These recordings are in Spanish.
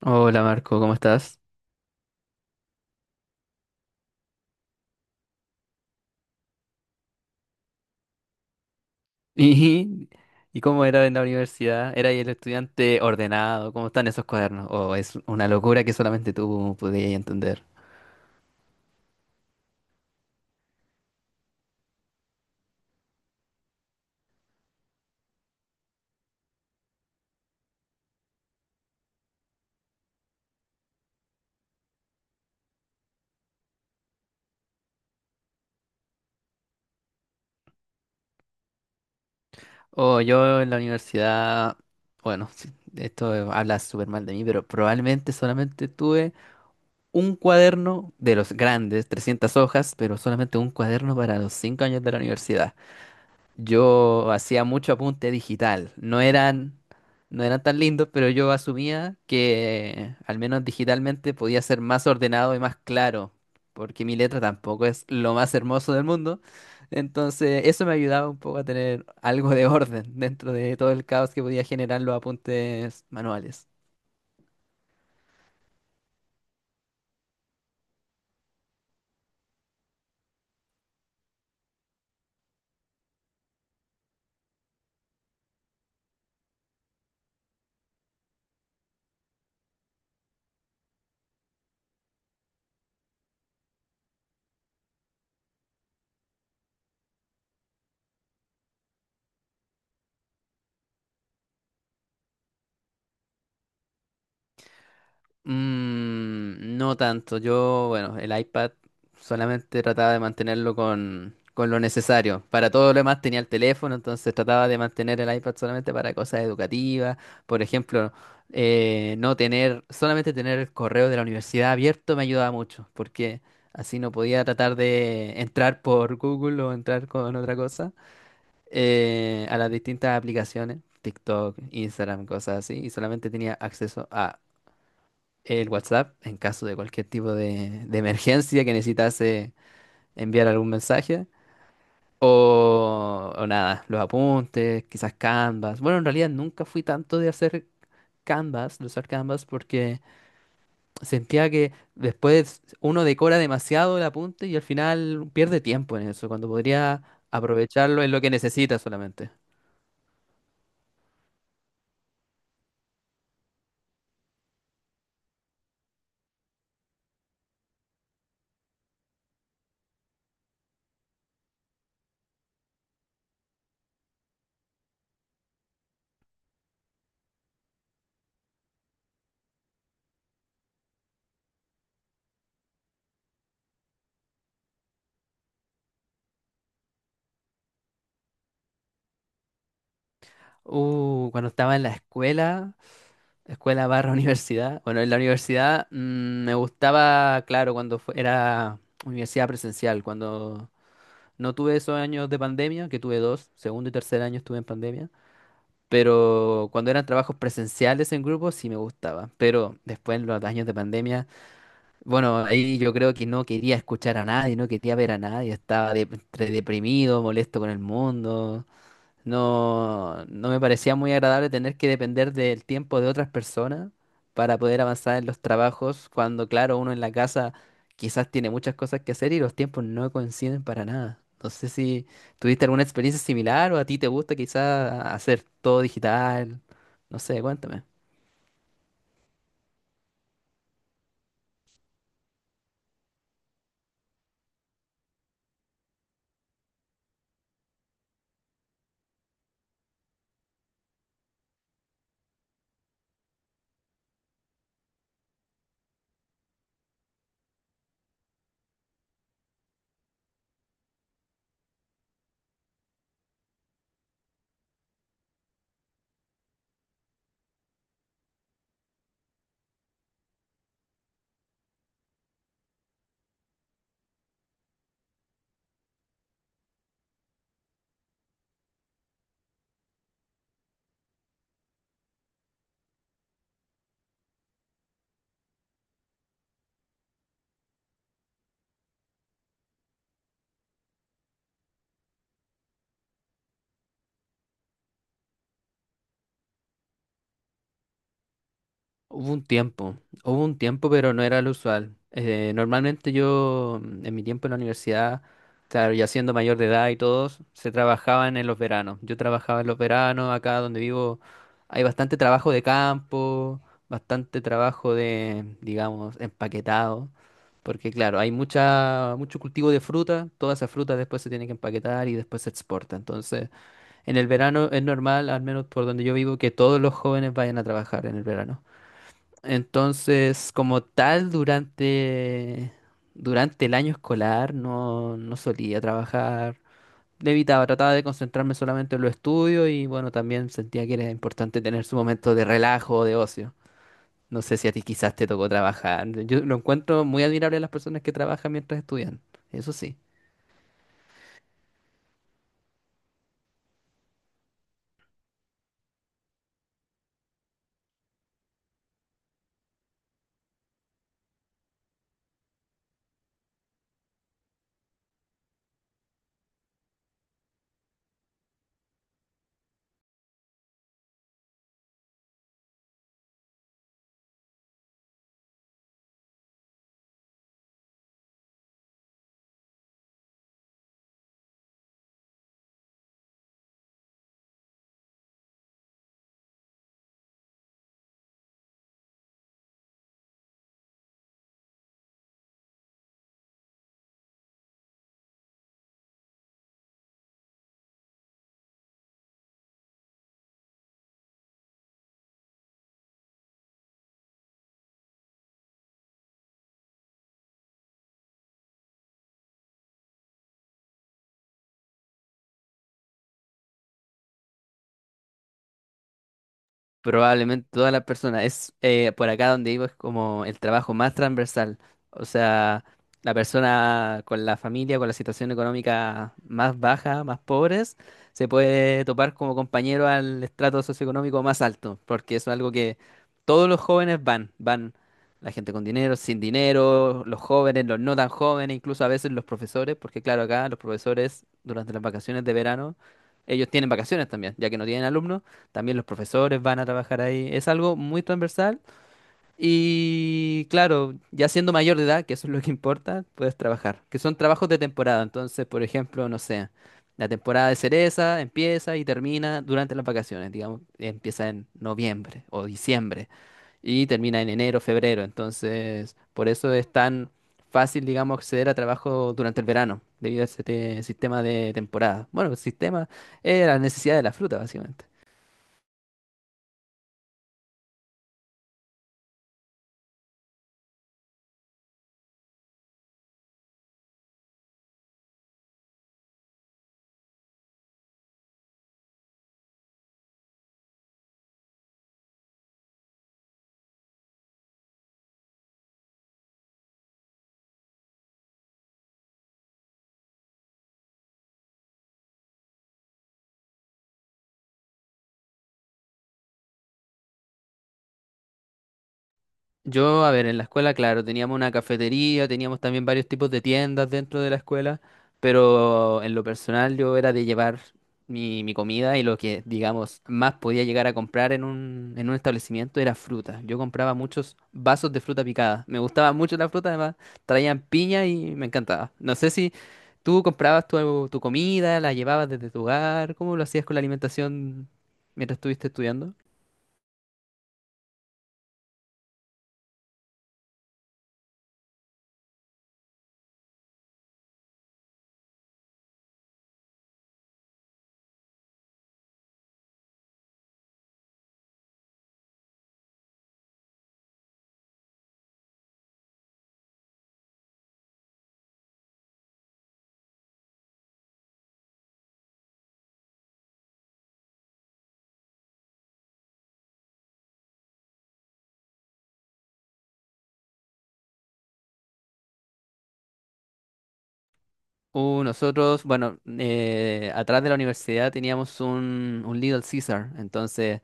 Hola Marco, ¿cómo estás? ¿Y, y cómo era en la universidad? ¿Era el estudiante ordenado? ¿Cómo están esos cuadernos? ¿O es una locura que solamente tú podías entender? O yo en la universidad, bueno, sí, esto habla súper mal de mí, pero probablemente solamente tuve un cuaderno de los grandes, 300 hojas, pero solamente un cuaderno para los 5 años de la universidad. Yo hacía mucho apunte digital. No eran tan lindos, pero yo asumía que al menos digitalmente podía ser más ordenado y más claro, porque mi letra tampoco es lo más hermoso del mundo. Entonces, eso me ayudaba un poco a tener algo de orden dentro de todo el caos que podía generar los apuntes manuales. Mm, no tanto. Yo, bueno, el iPad solamente trataba de mantenerlo con lo necesario. Para todo lo demás tenía el teléfono, entonces trataba de mantener el iPad solamente para cosas educativas. Por ejemplo, no tener, solamente tener el correo de la universidad abierto me ayudaba mucho, porque así no podía tratar de entrar por Google o entrar con otra cosa a las distintas aplicaciones, TikTok, Instagram, cosas así, y solamente tenía acceso a el WhatsApp en caso de cualquier tipo de emergencia que necesitase enviar algún mensaje. O nada, los apuntes, quizás Canvas. Bueno, en realidad nunca fui tanto de hacer Canvas, de usar Canvas, porque sentía que después uno decora demasiado el apunte y al final pierde tiempo en eso, cuando podría aprovecharlo en lo que necesita solamente. Cuando estaba en la escuela, escuela barra universidad. Bueno, en la universidad me gustaba, claro, cuando era universidad presencial, cuando no tuve esos años de pandemia, que tuve dos, segundo y tercer año estuve en pandemia, pero cuando eran trabajos presenciales en grupo sí me gustaba, pero después en los años de pandemia, bueno, ahí yo creo que no quería escuchar a nadie, no quería ver a nadie, estaba entre deprimido, molesto con el mundo. No, no me parecía muy agradable tener que depender del tiempo de otras personas para poder avanzar en los trabajos, cuando claro, uno en la casa quizás tiene muchas cosas que hacer y los tiempos no coinciden para nada. No sé si tuviste alguna experiencia similar o a ti te gusta quizás hacer todo digital. No sé, cuéntame. Hubo un tiempo, hubo un tiempo, pero no era lo usual. Normalmente yo, en mi tiempo en la universidad, claro, ya siendo mayor de edad y todos, se trabajaban en los veranos. Yo trabajaba en los veranos, acá donde vivo hay bastante trabajo de campo, bastante trabajo de, digamos, empaquetado, porque claro, hay mucho cultivo de fruta, toda esa fruta después se tiene que empaquetar y después se exporta. Entonces, en el verano es normal, al menos por donde yo vivo, que todos los jóvenes vayan a trabajar en el verano. Entonces, como tal, durante el año escolar no, no solía trabajar. Le evitaba, trataba de concentrarme solamente en los estudios y bueno, también sentía que era importante tener su momento de relajo o de ocio. No sé si a ti quizás te tocó trabajar. Yo lo encuentro muy admirable a las personas que trabajan mientras estudian. Eso sí. Probablemente todas las personas. Es por acá donde vivo es como el trabajo más transversal. O sea, la persona con la familia, con la situación económica más baja, más pobres, se puede topar como compañero al estrato socioeconómico más alto, porque eso es algo que todos los jóvenes van, van. La gente con dinero, sin dinero, los jóvenes, los no tan jóvenes, incluso a veces los profesores, porque claro, acá los profesores durante las vacaciones de verano, ellos tienen vacaciones también, ya que no tienen alumnos. También los profesores van a trabajar ahí. Es algo muy transversal. Y claro, ya siendo mayor de edad, que eso es lo que importa, puedes trabajar. Que son trabajos de temporada. Entonces, por ejemplo, no sé, la temporada de cereza empieza y termina durante las vacaciones. Digamos, empieza en noviembre o diciembre y termina en enero, febrero. Entonces, por eso es tan fácil, digamos, acceder a trabajo durante el verano, debido a este sistema de temporada. Bueno, el sistema es la necesidad de la fruta, básicamente. Yo, a ver, en la escuela, claro, teníamos una cafetería, teníamos también varios tipos de tiendas dentro de la escuela, pero en lo personal yo era de llevar mi comida y lo que, digamos, más podía llegar a comprar en un establecimiento era fruta. Yo compraba muchos vasos de fruta picada. Me gustaba mucho la fruta, además traían piña y me encantaba. No sé si tú comprabas tu, tu comida, la llevabas desde tu hogar, ¿cómo lo hacías con la alimentación mientras estuviste estudiando? Nosotros, bueno, atrás de la universidad teníamos un Little Caesar, entonces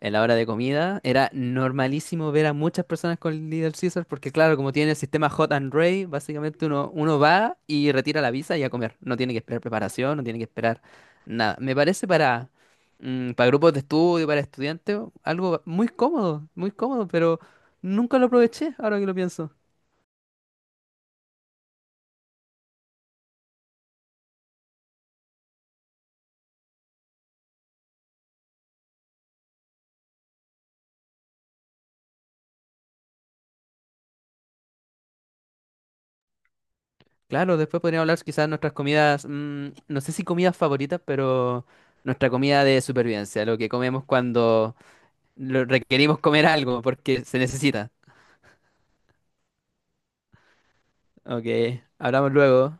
en la hora de comida era normalísimo ver a muchas personas con Little Caesar, porque claro, como tiene el sistema Hot and Ready, básicamente uno va y retira la visa y a comer, no tiene que esperar preparación, no tiene que esperar nada. Me parece para, para grupos de estudio, para estudiantes, algo muy cómodo, pero nunca lo aproveché ahora que lo pienso. Claro, después podríamos hablar quizás de nuestras comidas, no sé si comidas favoritas, pero nuestra comida de supervivencia, lo que comemos cuando requerimos comer algo porque se necesita. Ok, hablamos luego.